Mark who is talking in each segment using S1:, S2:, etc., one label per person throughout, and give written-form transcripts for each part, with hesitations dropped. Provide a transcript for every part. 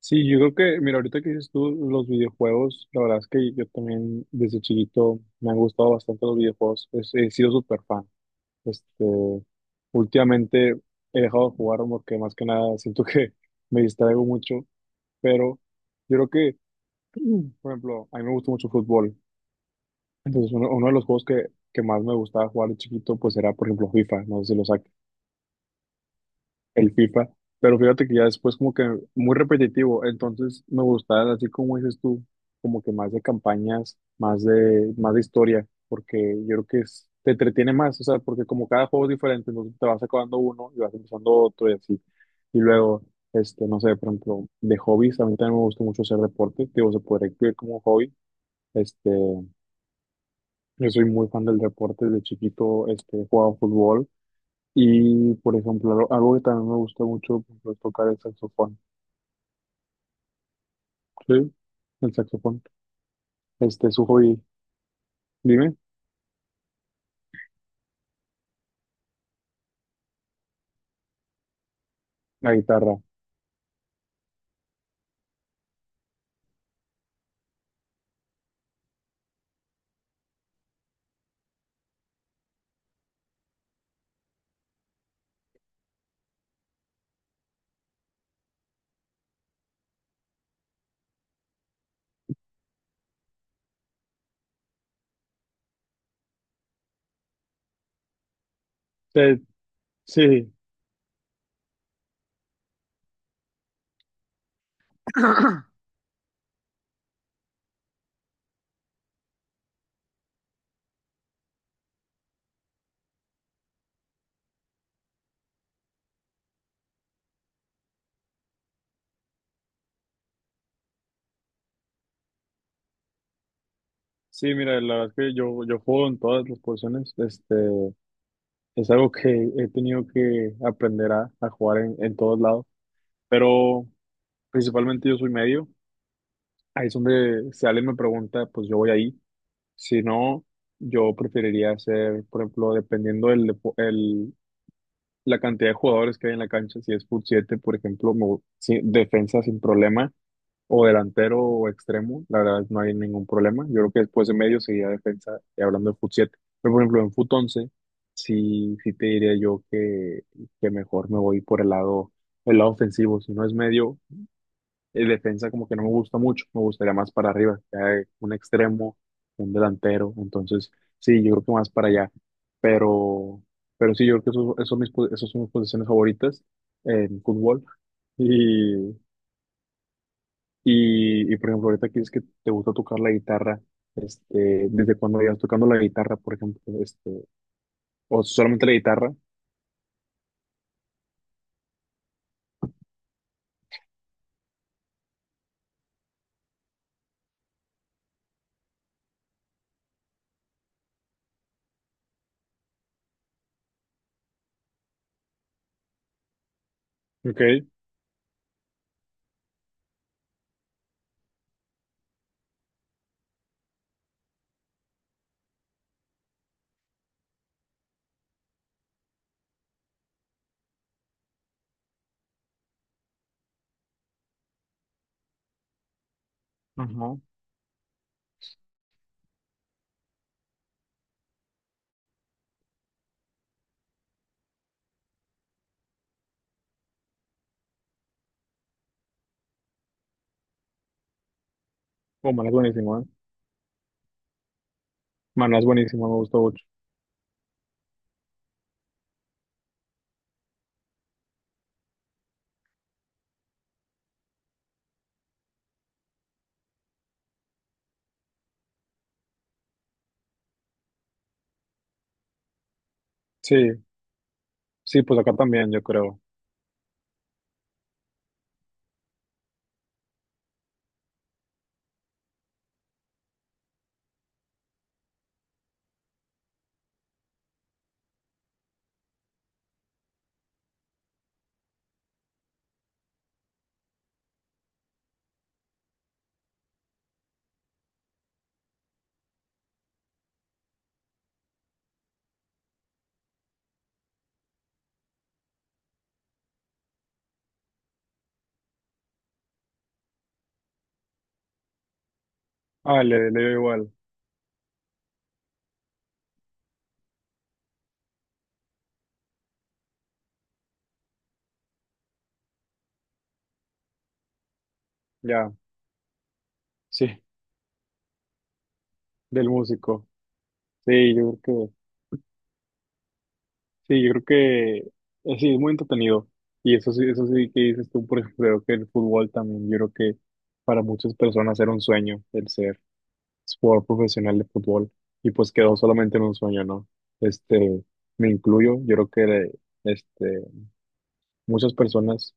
S1: Sí, yo creo que, mira, ahorita que dices tú los videojuegos, la verdad es que yo también desde chiquito me han gustado bastante los videojuegos, he sido súper fan. Este, últimamente he dejado de jugar porque más que nada siento que me distraigo mucho, pero yo creo que, por ejemplo, a mí me gusta mucho el fútbol, entonces uno de los juegos que más me gustaba jugar de chiquito pues era, por ejemplo, FIFA, no sé si lo saques. El FIFA, pero fíjate que ya después como que muy repetitivo, entonces me gustaba así como dices tú, como que más de campañas, más de historia, porque yo creo que te entretiene más, o sea, porque como cada juego es diferente, entonces te vas acabando uno y vas empezando otro y así. Y luego, no sé, por ejemplo, de hobbies, a mí también me gusta mucho hacer deporte, digo, se podría incluir como hobby, este, yo soy muy fan del deporte, desde chiquito, he jugado fútbol, y, por ejemplo, algo que también me gusta mucho, por ejemplo, es tocar el saxofón. Sí, el saxofón. Este es su hobby. Dime, la guitarra. Eh, sí, sí, mira, la verdad es que yo juego en todas las posiciones. Es algo que he tenido que aprender a jugar en todos lados. Pero principalmente yo soy medio. Ahí es donde si alguien me pregunta, pues yo voy ahí. Si no, yo preferiría hacer, por ejemplo, dependiendo la cantidad de jugadores que hay en la cancha, si es fut 7 por ejemplo, sí, defensa sin problema, o delantero o extremo, la verdad no hay ningún problema. Yo creo que después de medio seguía defensa, y hablando de fut siete. Pero por ejemplo, en fut 11 sí, sí te diría yo que mejor me voy por el lado ofensivo. Si no es medio, el defensa como que no me gusta mucho, me gustaría más para arriba, que haya un extremo, un delantero, entonces sí, yo creo que más para allá, pero, pero sí, yo creo que son esos son mis posiciones favoritas en fútbol y, y, por ejemplo, ahorita que es que te gusta tocar la guitarra, ¿desde cuando llevas tocando la guitarra, por ejemplo? ¿O solamente la guitarra? Ok, ajá, o Maná es buenísimo, ¿eh? Maná es buenísimo, me gusta mucho. Sí, sí, pues acá también, yo creo. Ah, le dio igual. Ya, sí, del músico. Sí, yo creo que, sí, yo creo que sí, es muy entretenido. Y eso sí que dices tú, por ejemplo, creo que el fútbol también, yo creo que para muchas personas era un sueño el ser jugador profesional de fútbol y pues quedó solamente en un sueño, ¿no? Este, me incluyo, yo creo que este, muchas personas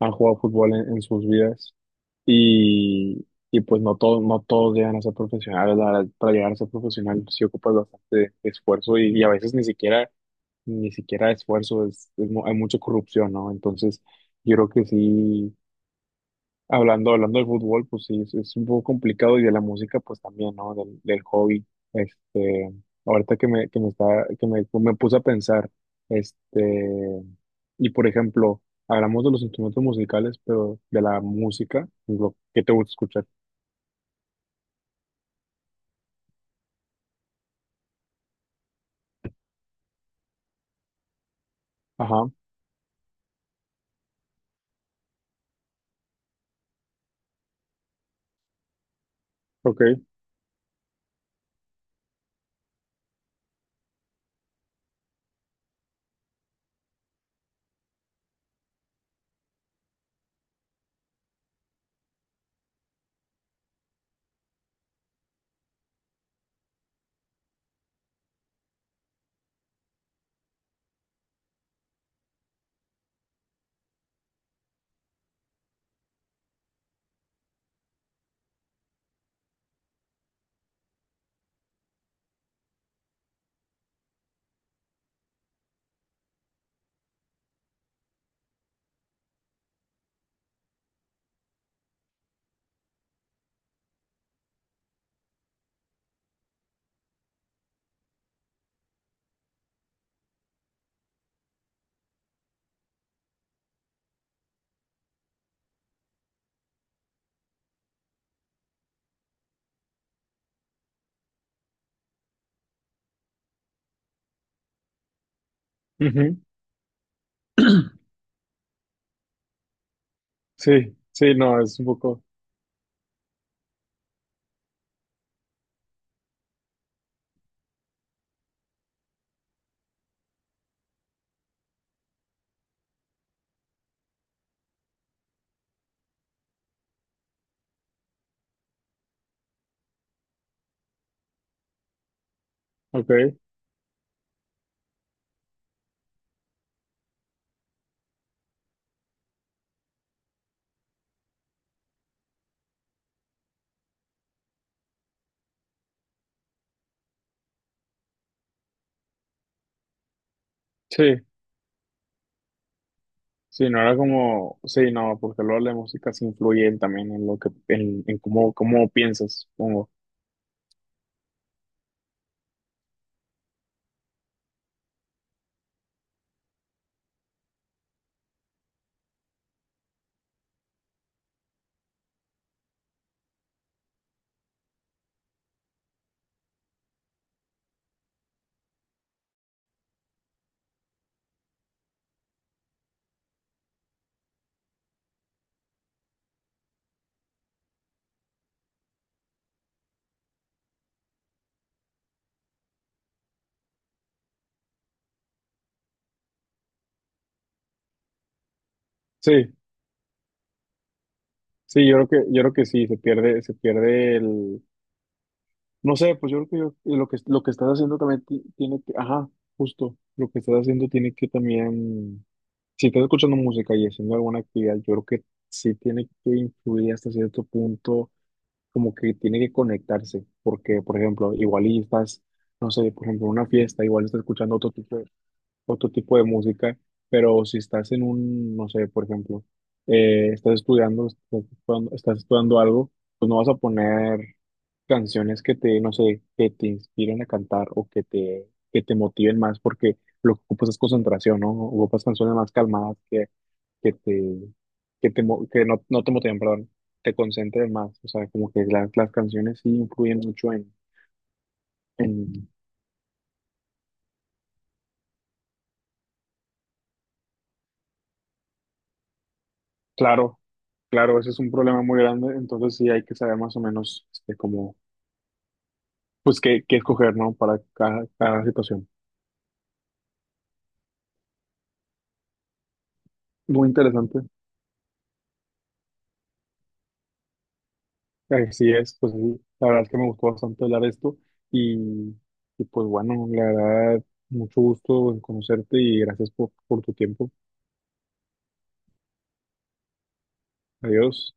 S1: han jugado fútbol en sus vidas y pues no todos, no todos llegan a ser profesionales. La verdad, para llegar a ser profesional sí ocupas bastante esfuerzo y a veces ni siquiera, ni siquiera esfuerzo, es, hay mucha corrupción, ¿no? Entonces, yo creo que sí. Hablando, hablando del fútbol, pues sí, es un poco complicado y de la música, pues también, ¿no? Del, del hobby. Este, ahorita que me está, me puse a pensar, este, y por ejemplo, hablamos de los instrumentos musicales, pero de la música, lo que te gusta escuchar. Ajá, ok. Ujú, sí, sí, no, es un poco, ok. Sí, sí, no era como, sí, no, porque luego la música se influye también en lo que, en cómo, cómo piensas, supongo. Sí, sí, yo creo yo creo que sí, se pierde el, no sé, pues yo creo que lo que lo que estás haciendo también tiene que, ajá, justo, lo que estás haciendo tiene que también, si estás escuchando música y haciendo alguna actividad, yo creo que sí tiene que influir hasta cierto punto, como que tiene que conectarse, porque, por ejemplo, igual y estás, no sé, por ejemplo, en una fiesta, igual estás escuchando otro tipo de música, pero si estás en un, no sé, por ejemplo, estás estudiando algo, pues no vas a poner canciones que te, no sé, que te inspiren a cantar o que te motiven más, porque lo que ocupas es concentración, ¿no? Ocupas canciones más calmadas que te, que no, no te motiven, perdón, te concentren más. O sea, como que las canciones sí influyen mucho en, en. Claro, claro, ese es un problema muy grande, entonces sí hay que saber más o menos cómo, pues qué, qué escoger, ¿no? Para cada situación. Muy interesante, así es, pues sí, la verdad es que me gustó bastante hablar de esto y, y, pues bueno, la verdad, mucho gusto en conocerte y gracias por tu tiempo. Adiós.